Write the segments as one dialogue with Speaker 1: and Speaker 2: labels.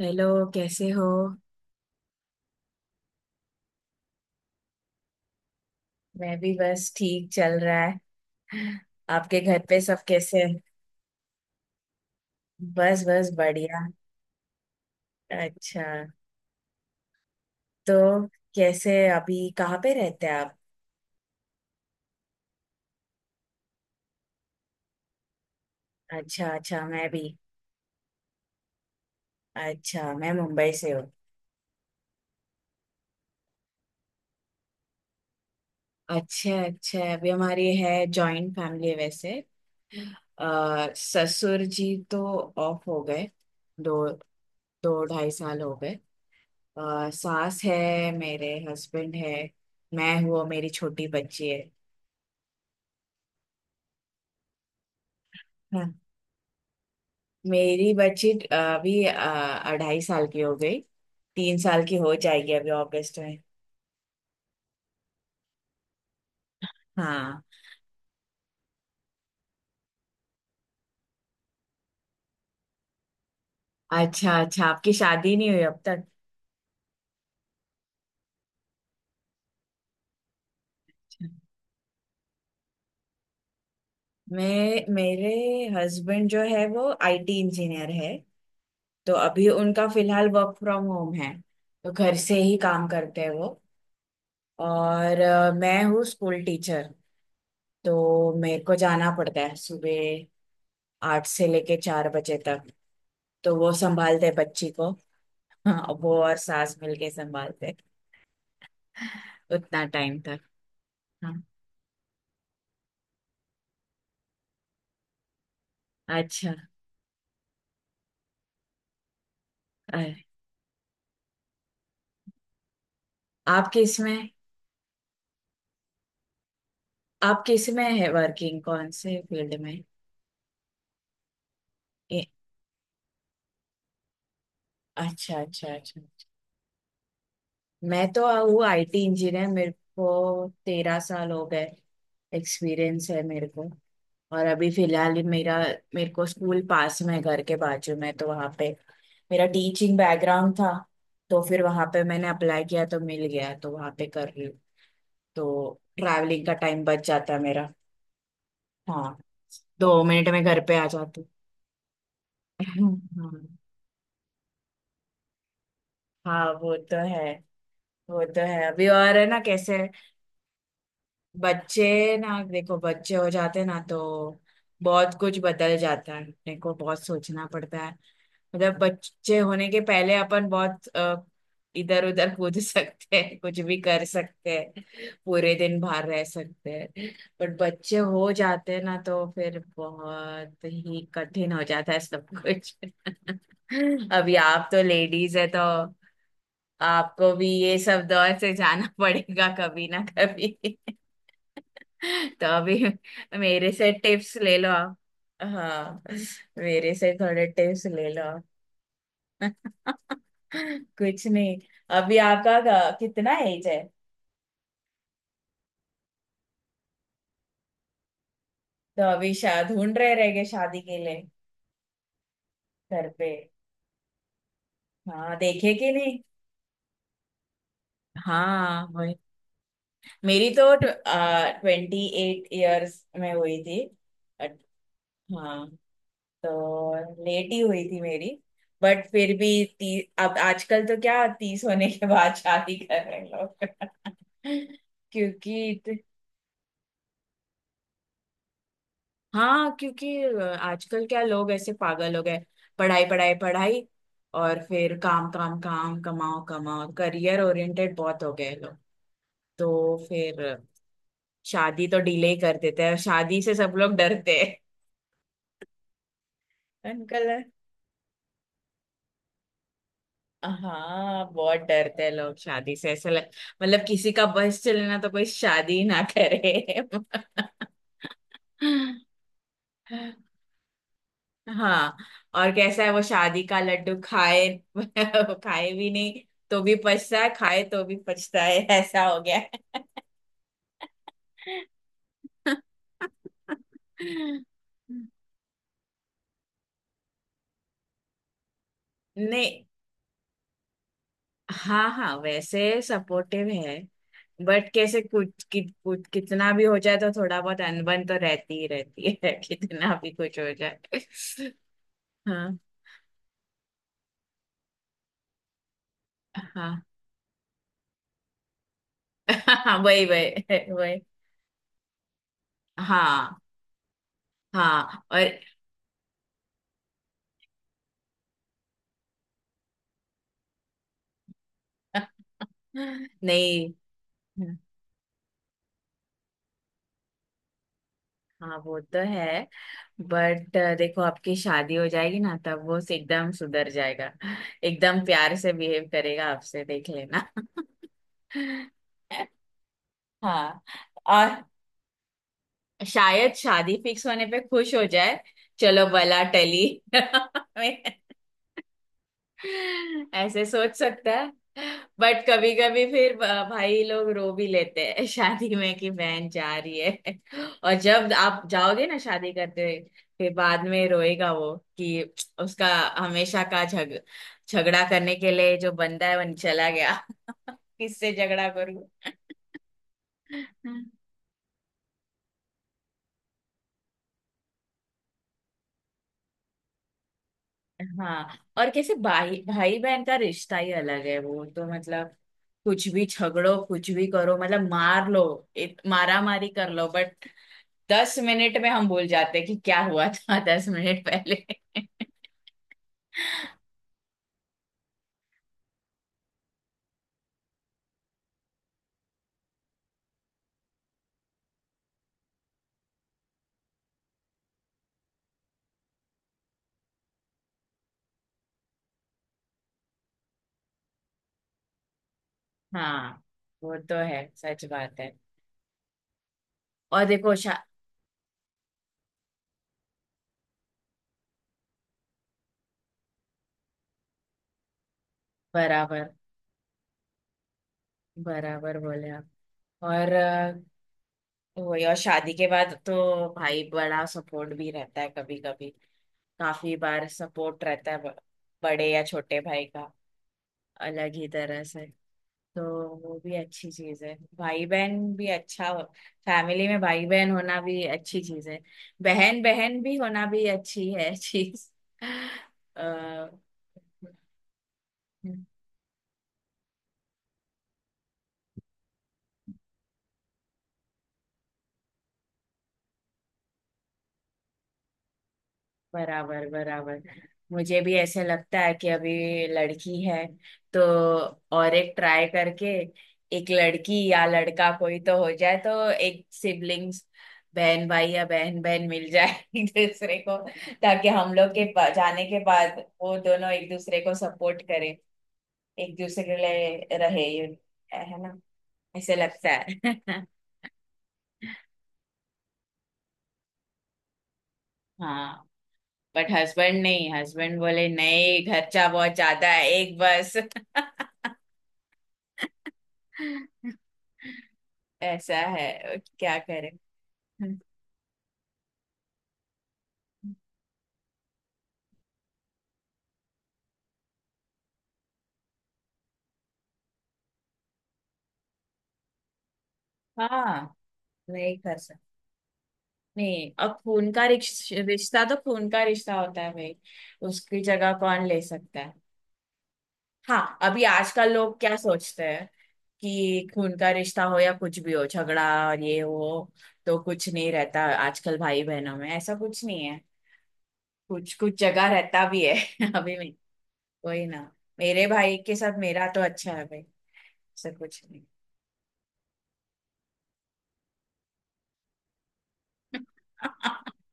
Speaker 1: Hello. कैसे हो? मैं भी बस ठीक चल रहा है। आपके घर पे सब कैसे हैं? बस बस बढ़िया। अच्छा। तो कैसे, अभी कहाँ पे रहते हैं आप? अच्छा अच्छा, मैं भी। अच्छा, मैं मुंबई से हूँ। अच्छा अच्छा। अभी हमारी है जॉइंट फैमिली है। वैसे ससुर जी तो ऑफ हो गए। दो दो ढाई साल हो गए। सास है, मेरे हस्बैंड है, मैं हूँ और मेरी छोटी बच्ची है। मेरी बच्ची अभी अढ़ाई साल की हो गई। 3 साल की हो जाएगी अभी अगस्त में। हाँ। अच्छा अच्छा। आपकी शादी नहीं हुई अब तक? मैं मेरे हस्बैंड जो है वो आईटी इंजीनियर है। तो अभी उनका फिलहाल वर्क फ्रॉम होम है, तो घर से ही काम करते हैं वो। और मैं हूँ स्कूल टीचर। तो मेरे को जाना पड़ता है सुबह 8 से लेके 4 बजे तक। तो वो संभालते हैं बच्ची को। हाँ, वो और सास मिलके संभालते उतना टाइम तक। हाँ। अच्छा। अ- आपके इसमें आपके इसमें है, वर्किंग कौन से फील्ड में? ए, अच्छा अच्छा अच्छा। मैं तो हूँ आईटी इंजीनियर, मेरे को 13 साल हो गए एक्सपीरियंस है मेरे को। और अभी फिलहाल ही मेरा, मेरे को स्कूल पास में है, घर के बाजू में, तो वहाँ पे मेरा टीचिंग बैकग्राउंड था, तो फिर वहाँ पे मैंने अप्लाई किया तो मिल गया, तो वहाँ पे कर रही हूँ। तो ट्रैवलिंग का टाइम बच जाता है मेरा। हाँ, 2 मिनट में घर पे आ जाती। हम्म, हाँ वो तो है। वो तो है। अभी और है ना, कैसे। बच्चे ना देखो, बच्चे हो जाते ना तो बहुत कुछ बदल जाता है, अपने को बहुत सोचना पड़ता है। मतलब बच्चे होने के पहले अपन बहुत इधर उधर कूद सकते हैं, कुछ भी कर सकते हैं, पूरे दिन बाहर रह सकते हैं। बट बच्चे हो जाते हैं ना तो फिर बहुत ही कठिन हो जाता है सब कुछ। अभी आप तो लेडीज है, तो आपको भी ये सब दौर से जाना पड़ेगा कभी ना कभी। तो अभी मेरे से टिप्स ले लो आप। हाँ, मेरे से थोड़े टिप्स ले लो आप। कुछ नहीं। अभी आपका कितना एज है? तो अभी शा ढूंढ रहेंगे शादी के लिए घर पे? हाँ देखे कि नहीं। हाँ, वही। मेरी तो 28 इयर्स में हुई थी। बट हाँ, तो लेट ही हुई थी मेरी। बट फिर भी अब आजकल तो क्या 30 होने के बाद शादी कर रहे हैं लोग। क्योंकि हाँ, क्योंकि आजकल क्या लोग ऐसे पागल हो गए। पढ़ाई पढ़ाई पढ़ाई, और फिर काम काम काम, कमाओ कमाओ, करियर ओरिएंटेड बहुत हो गए लोग। तो फिर शादी तो डिले ही कर देते हैं, शादी से सब लोग डरते हैं। अंकल। हाँ, बहुत डरते हैं लोग शादी से, ऐसा लग, मतलब किसी का बस चले ना तो कोई शादी ही ना करे। हाँ। और कैसा है वो शादी का लड्डू, खाए खाए भी नहीं तो भी पछता है, खाए तो भी पछता है, ऐसा हो गया है। नहीं। हाँ हाँ, वैसे सपोर्टिव है। बट कैसे कुछ कितना भी हो जाए तो थोड़ा बहुत अनबन तो रहती ही रहती है कितना भी कुछ हो जाए। हाँ। हाँ। हाँ, वही वही वही। हाँ हाँ। और नहीं। हाँ, वो तो है। बट देखो आपकी शादी हो जाएगी ना तब वो एकदम सुधर जाएगा, एकदम प्यार से बिहेव करेगा आपसे, देख लेना। हाँ। और शायद शादी फिक्स होने पे खुश हो जाए, चलो भला टली। ऐसे सोच सकता है। बट कभी कभी फिर भाई लोग रो भी लेते हैं शादी में कि बहन जा रही है। और जब आप जाओगे ना शादी करते हुए, फिर बाद में रोएगा वो कि उसका हमेशा का झग झगड़ा करने के लिए जो बंदा है वो चला गया। किससे झगड़ा करूं? हाँ। और कैसे भाई, भाई बहन का रिश्ता ही अलग है वो तो, मतलब कुछ भी झगड़ो कुछ भी करो, मतलब मार लो, मारा मारी कर लो, बट 10 मिनट में हम भूल जाते हैं कि क्या हुआ था 10 मिनट पहले। हाँ, वो तो है, सच बात है। और देखो शा बराबर, बराबर बोले आप। और वही, और शादी के बाद तो भाई बड़ा सपोर्ट भी रहता है, कभी कभी काफी बार सपोर्ट रहता है, बड़े या छोटे भाई का, अलग ही तरह से। तो वो भी अच्छी चीज है, भाई बहन भी अच्छा, फैमिली में भाई बहन होना भी अच्छी चीज है, बहन बहन भी होना भी अच्छी है चीज। अ, बराबर बराबर। मुझे भी ऐसे लगता है कि अभी लड़की है तो, और एक ट्राई करके एक लड़की या लड़का कोई तो हो जाए, तो एक सिबलिंग्स, बहन भाई या बहन बहन मिल जाए एक दूसरे को, ताकि हम लोग के जाने के बाद वो दोनों एक दूसरे को सपोर्ट करें, एक दूसरे के लिए रहे ये, है ना? ऐसे लगता है। हाँ। बट हस्बैंड नहीं, हस्बैंड बोले नहीं, खर्चा बहुत ज्यादा है, एक बस। ऐसा है, क्या करें। हाँ, नहीं कर सकते। नहीं, अब खून का रिश्ता तो खून का रिश्ता होता है भाई, उसकी जगह कौन ले सकता है? हाँ। अभी आजकल लोग क्या सोचते हैं कि खून का रिश्ता हो या कुछ भी हो, झगड़ा और ये वो, तो कुछ नहीं रहता आजकल भाई बहनों में, ऐसा कुछ नहीं है, कुछ कुछ जगह रहता भी है। अभी में वही ना, मेरे भाई के साथ मेरा तो अच्छा है भाई, ऐसा कुछ नहीं।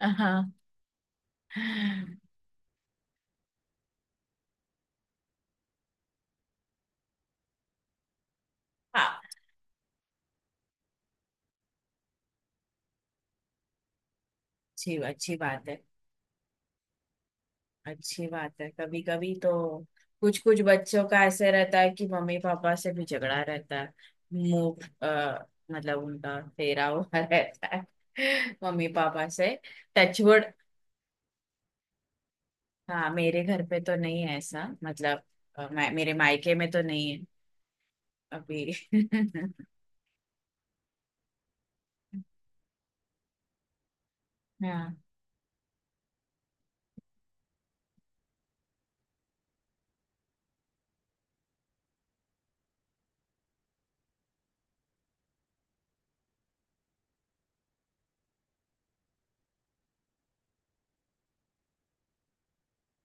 Speaker 1: हाँ हाँ। अच्छी। अच्छी बात है। अच्छी बात है, कभी कभी तो कुछ कुछ बच्चों का ऐसे रहता है कि मम्मी पापा से भी झगड़ा रहता है। मुंह मतलब उनका फेरा हुआ रहता है मम्मी पापा से। टचवुड। हाँ, मेरे घर पे तो नहीं है ऐसा, मतलब मैं मेरे मायके में तो नहीं है अभी। हाँ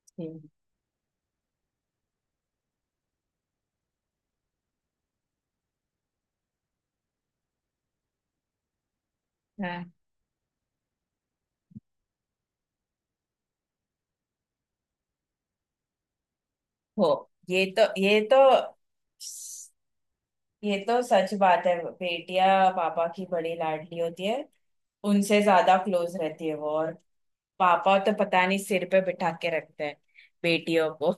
Speaker 1: ठीक है। हो, ये तो ये तो सच बात है, बेटियां पापा की बड़ी लाडली होती है, उनसे ज्यादा क्लोज रहती है वो। और पापा तो पता नहीं सिर पे बिठा के रखते हैं बेटियों को।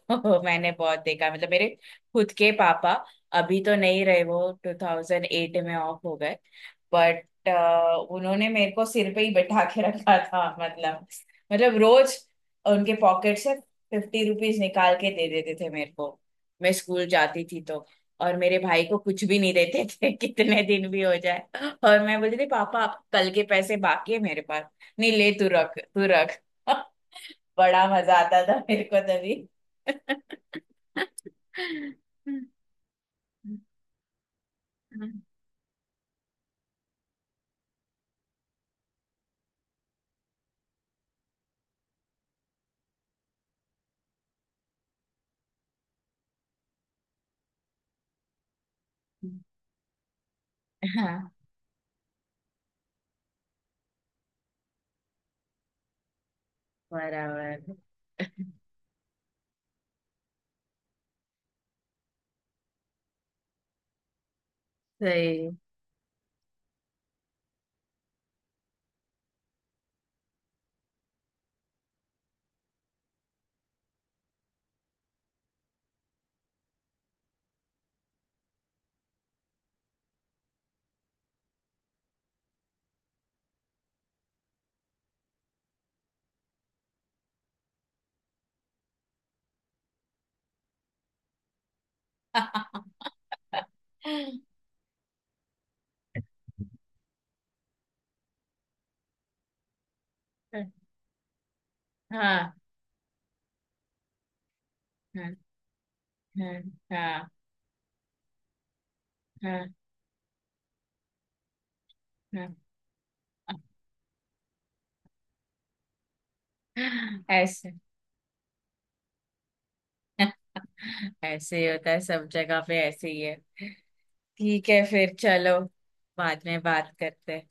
Speaker 1: मैंने बहुत देखा, मतलब मेरे खुद के पापा, अभी तो नहीं रहे वो, 2008 में ऑफ हो गए। बट उन्होंने मेरे को सिर पे ही बैठा के रखा था, मतलब, मतलब रोज उनके पॉकेट से 50 रुपीज निकाल के दे देते थे मेरे को, मैं स्कूल जाती थी तो। और मेरे भाई को कुछ भी नहीं देते थे। कितने दिन भी हो जाए और मैं बोलती थी, पापा आप कल के पैसे बाकी है मेरे पास, नहीं ले, तू रख तू रख। बड़ा मजा आता था मेरे को तभी। हाँ, बराबर, सही। हाँ हाँ हाँ हाँ हाँ हाँ। ऐसे, ऐसे ही होता है सब जगह पे, ऐसे ही है। ठीक है, फिर चलो, बाद में बात करते हैं।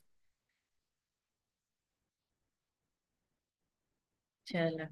Speaker 1: चलो।